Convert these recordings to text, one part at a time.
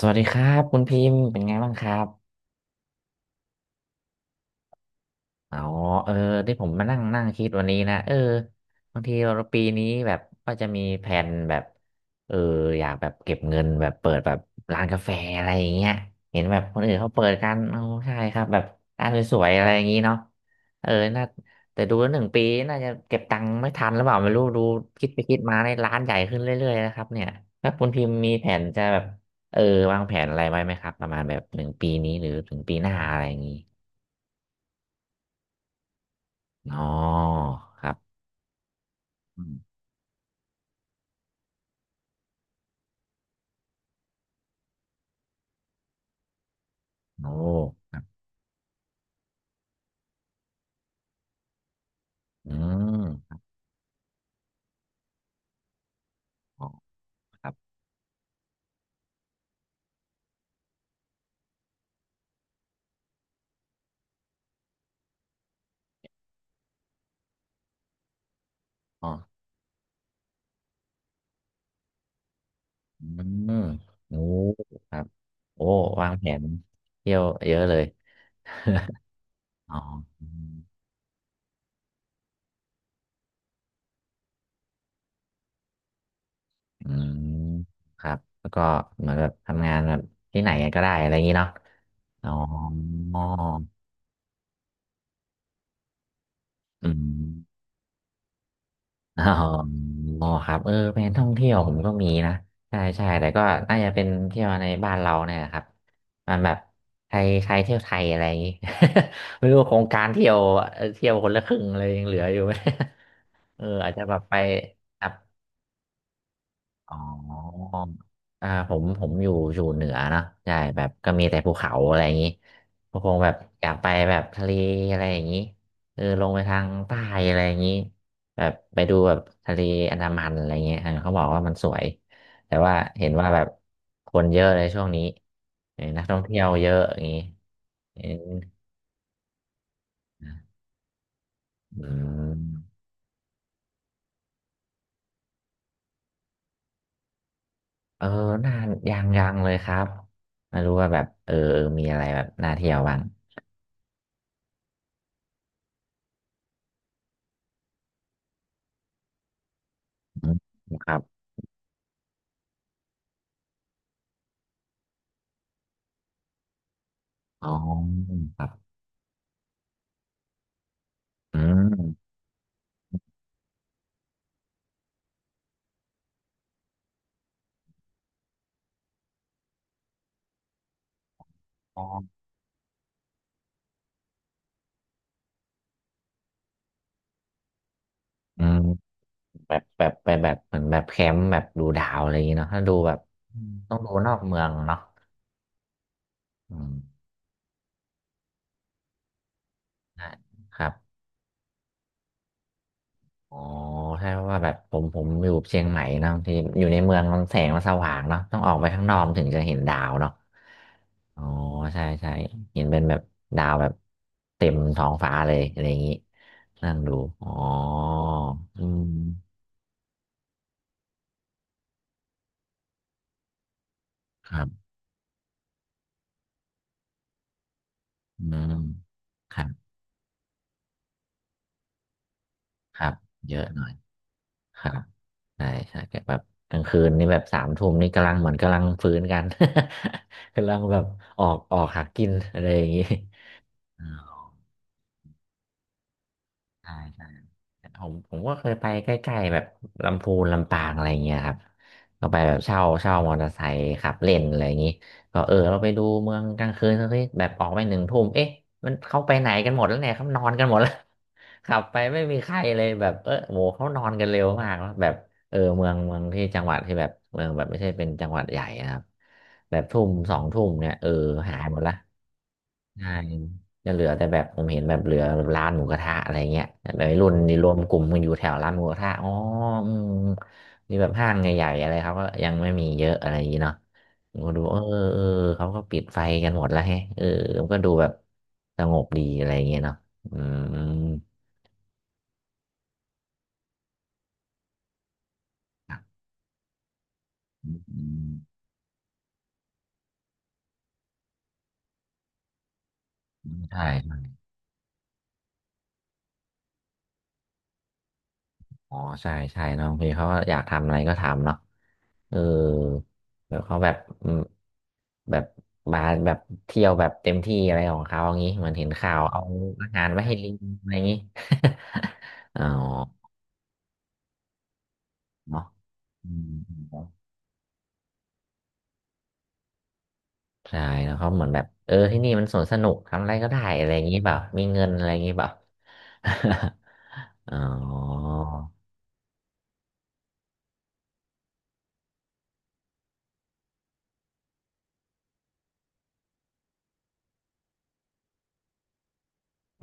สวัสดีครับคุณพิมพ์เป็นไงบ้างครับ อ๋อเออที่ผมมานั่งนั่งคิดวันนี้นะบางทีเราปีนี้แบบก็จะมีแผนแบบเอออยากแบบเก็บเงินแบบเปิดแบบร้านกาแฟอะไรอย่างเงี้ยเห็นแบบคนอื่นเขาเปิดกันโอ้ใช่ครับแบบร้านสวยๆอะไรอย่างงี้เนาะเออน่าแต่ดูแล้วหนึ่งปีน่าจะเก็บตังค์ไม่ทันหรือเปล่าไม่รู้ดูคิดไปคิดมาในยร้านใหญ่ขึ้นเรื่อยๆนะครับเนี่ยแล้วคุณพิมพ์มีแผนจะแบบเออวางแผนอะไรไว้ไหมครับประมาณแบบหนึ่งปีนี้หรือถึงปีหน้าอะไรอย่างงี้อ๋อครับ อืมโอ้อืมอ๋อครับอ๋ออืมโอ้ครับโอ้วางแผนเที่ยวเยอะเลย อ๋ออืมอืมครับ แล้วก็เหมือนแบบทำงานแบบที่ไหนก็ได้อะไรอย่างนี้เนาะอ๋ออืม อ๋อครับแผนท่องเที่ยวผมก็มีนะใช่ใช่แต่ก็น่าจะเป็นเที่ยวในบ้านเราเนี่ยนะครับมันแบบใครใครเที่ยวไทยอะไรอย่างงี้ ไม่รู้โครงการเที่ยวคนละครึ่งเลยยังเหลืออยู่ไหม อาจจะแบบไป อ๋อผมอยู่เหนือเนอะใช่แบบก็มีแต่ภูเขาอะไรอย่างนี้ก็คงแบบอยากไปแบบทะเลอะไรอย่างนี้ลงไปทางใต้อะไรอย่างนี้แบบไปดูแบบทะเลอันดามันอะไรเงี้ยเขาบอกว่ามันสวยแต่ว่าเห็นว่าแบบคนเยอะเลยช่วงนี้นักท่องเที่ยวเยอะอย่างนี้เอออืมเออน่ายังเลยครับไม่รู้ว่าแบบมีอะไรแบบน่าเที่ยวบ้างอืมครับ อ๋อครับอืมอ๋ออืมแบบไปแบบเหมือนแบบแคมป์แบบดูดาวอะไรอย่างเงี้ยเนาะถ้าดูแบบอืมต้องดูนอกเมืองเนาะอืมใช่ครับอ๋อใช่เพราะว่าแบบผมอยู่เชียงใหม่เนาะบางที่อยู่ในเมืองมันแสงมันสว่างเนาะต้องออกไปข้างนอกถึงจะเห็นดาวเนาะอ๋อใช่ใช่เห็นเป็นแบบดาวแบบเต็มท้องฟ้าเลยอะไรอย่างงี้นั่งดูอ๋ออืมครับอืมครับ ครับเยอะหน่อยครับใช่ใช่แกแบบกลางคืนนี่แบบสามทุ่มนี่กำลังเหมือนกำลังฟื้นกัน กำลังแบบออกหากินอะไรอย่างนี้อ๋อใช่ใช่ผมก็เคยไปใกล้ๆแบบลำพูนลำปางอะไรอย่างเงี้ยครับก็ไปแบบเช่ามอเตอร์ไซค์ขับเล่นอะไรอย่างนี้ก็เราไปดูเมืองกลางคืนสักทีแบบออกไปหนึ่งทุ่มเอ๊ะมันเข้าไปไหนกันหมดแล้วเนี่ยเขานอนกันหมดแล้ว ขับไปไม่มีใครเลยแบบโหเขานอนกันเร็วมากแล้วแบบเมืองที่จังหวัดที่แบบเมืองแบบไม่ใช่เป็นจังหวัดใหญ่นะครับแบบทุ่มสองทุ่มเนี่ยหายหมดละใช่จะเหลือแต่แบบผมเห็นแบบเหลือแบบร้านหมูกระทะอะไรเงี้ยแบบวัยรุ่นนี่รวมกลุ่มกันอยู่แถวร้านหมูกระทะอ๋ออืมนี่แบบห้างใหญ่ๆอะไรเขาก็ยังไม่มีเยอะอะไรอย่างงี้เนาะผมก็ดูเออเขาก็ปิดไฟกันหมดแล้วแฮะผมก็ดูแบบสงบดีอะไรเงี้ยเนาะอืม อืมอืมอืมใช่ใช่อ๋อใช่ใช่เนอะบางทีเขาก็อยากทำอะไรก็ทำเนาะเออแบวเขาแบบอืมแบบมาแบบเที่ยวแบบเต็มที่อะไรของเขาอย่างนี้เหมือนเห็นข่าวเอาอาหารไว้ให้ลิงอะไรอย่างนี้ อ๋อเนาะอืมอืมใช่แล้วเขาเหมือนแบบที่นี่มันสวนสนุกทำอะไรก็ได้อะไรอย่างนี้เปล่ามีเงินอะไรอย่างนี้เปล่า อ๋อ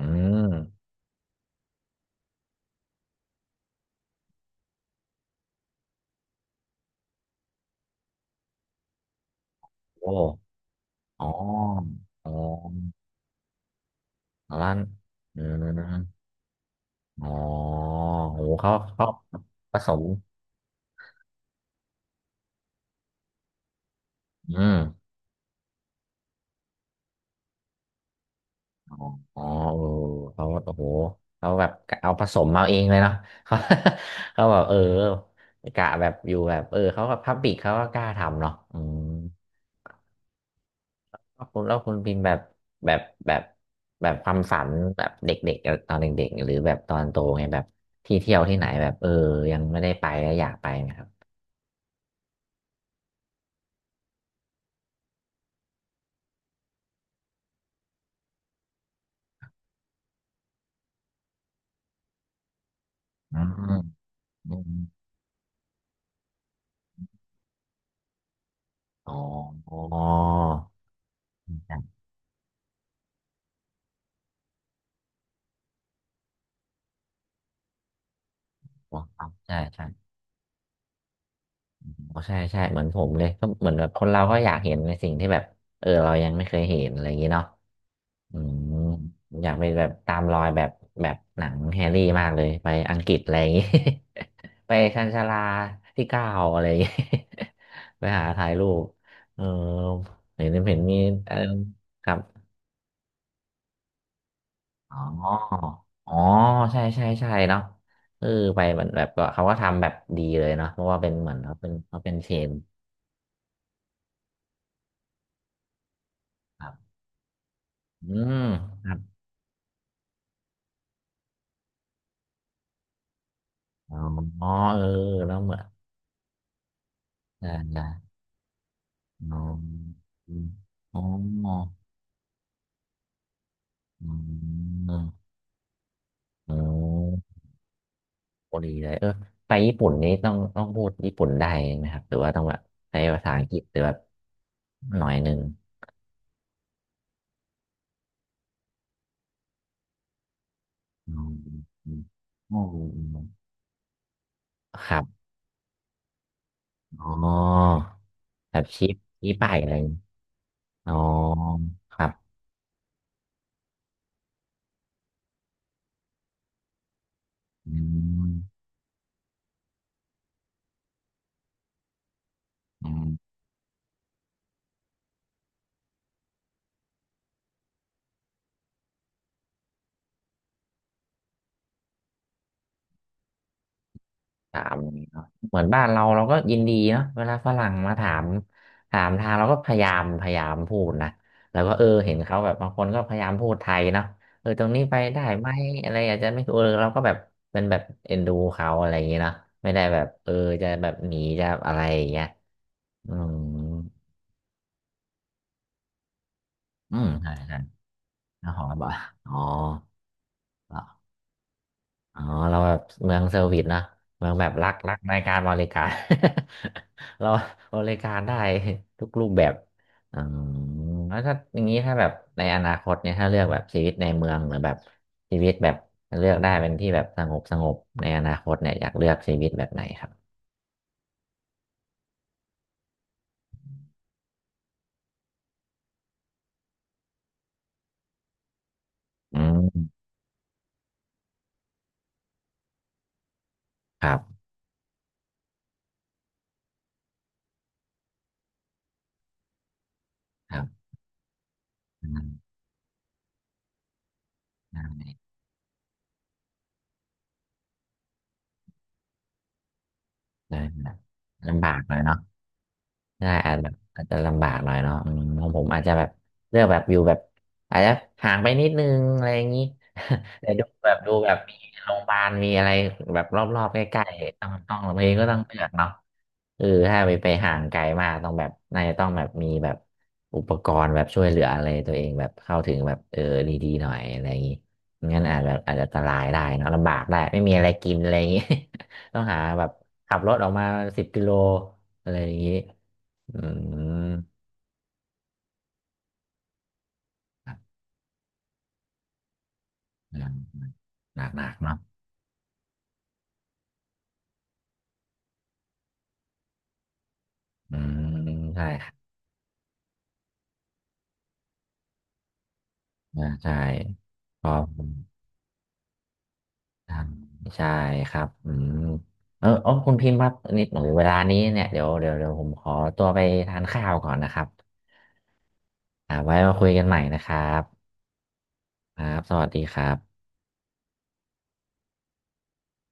อืมโอ้อ๋ออ๋อ ร้านเอือ๋อโหเขาผสมอืมอ๋ออ๋อเออเขาโอ้โหเขาแบบเอาผสมมาเองเลยเนาะ เขา เขาแบบกะแบบอยู่แบบเขาก็พับบิกเขาก็กล้าทำเนาะอืมแล้วคุณพิมพ์แบบแบบแบบ ความฝันแบบเด็กๆตอนเด็กๆ หรือแบบตอนโตไงแบบที่เที่ยวที่ไหนแบบยังไม่ได้ไปแล้วอยากไปนะครับอืมอมอ๋อ ใช่ครับใช่ใช่โอ้ใช่ใช่เหมือนผมเลยก็เหมือนแบบคนเราก็อยากเห็นในสิ่งที่แบบเรายังไม่เคยเห็นอะไรอย่างนี้เนาะอืมอยากไปแบบตามรอยแบบหนังแฮร์รี่มากเลยไปอังกฤษอะไรอย่างนี้ ไปชันชาลาที่เก้าอะไรอย่างนี้ ไปหาถ่ายรูปเออเห็นเห็นมีเออครับอ๋ออ๋อใช่ใช่ใช่เนาะเออไปเหมือนแบบก็เขาก็ทำแบบดีเลยเนาะเพราะว่าเป็นเหมือนเขาเป็นเขาเป็นเชน อืมครับอ๋อเออแล้วเหมือนใช่ใช่อ๋ออมอ๋ออืมอ๋อพอดีเลยเออไปญี่ปุ่นนี้ต้องต้องพูดญี่ปุ่นได้ไหมครับหรือว่าต้องแบบใช้ภาษาอังกฤษหรือแบบหน่อยหนึ่งอ๋ออืมอ๋ออืมครับอ๋อแบบชี้ชี้ไปายอะไรอ๋อครับอืม ถามเนาะเหมือนบ้านเราเราก็ยินดีเนาะเวลาฝรั่งมาถามถามทางเราก็พยายามพยายามพูดนะแล้วก็เออเห็นเขาแบบบางคนก็พยายามพูดไทยเนาะเออตรงนี้ไปได้ไหมอะไรอาจจะไม่ถูกเออเราก็แบบเป็นแบบเอ็นดูเขาอะไรอย่างเงี้ยเนาะไม่ได้แบบเออจะแบบหนีจะอะไรอย่างเงี้ยอืมอืมใช่ใช่แล้วขอาบอกอ๋อ อ๋อเราแบบเมืองเซอร์วิสนะเมืองแบบรักรักในการบริการ เราบริการได้ ทุกรูปแบบอ๋อแล้วถ้าอย่างนี้ถ้าแบบในอนาคตเนี่ยถ้าเลือกแบบชีวิตในเมืองหรือแบบชีวิตแบบเลือกได้เป็นที่แบบสงบสงบในอนาคตเนี่ยอยากเลือกชีวิตแบบไหนครับอืมครับครับอืมได้ได้ลำบากเลยเนาะ ใช่อาจแบบอาจจะลำบากหน่อยเนาะอืมของผมอาจจะแบบเลือกแบบอยู่แบบอาจจะห่างไปนิดนึงอะไรอย่างนี้ แต่ดูแบบดูแบบมีโรงพยาบาลมีอะไรแบบรอบๆใกล้ๆต้องต้องบางก็ต้องเลือกเนาะเออถ้าไปไปห่างไกลมากต้องแบบน่าจะต้องแบบมีแบบอุปกรณ์แบบช่วยเหลืออะไรตัวเองแบบเข้าถึงแบบเออดีๆหน่อยอะไรอย่างนี้งั้นอาจจะอาจจะอันตรายได้เนาะลำบากได้ไม่มีอะไรกินอะไรอย่างนี้ ต้องหาแบบขับรถออกมา10 กิโลอะไรอย่างนี้ อืมหนักหนักหนักเนาะอืมใช่ครับอ่าใช่พอทำใช่ครับอืมเออโอคุณพิมพ์ครับนิดหน่อยเวลานี้เนี่ยเดี๋ยวเดี๋ยวเดี๋ยวผมขอตัวไปทานข้าวก่อนนะครับอ่าไว้มาคุยกันใหม่นะครับครับสวัสดีครับ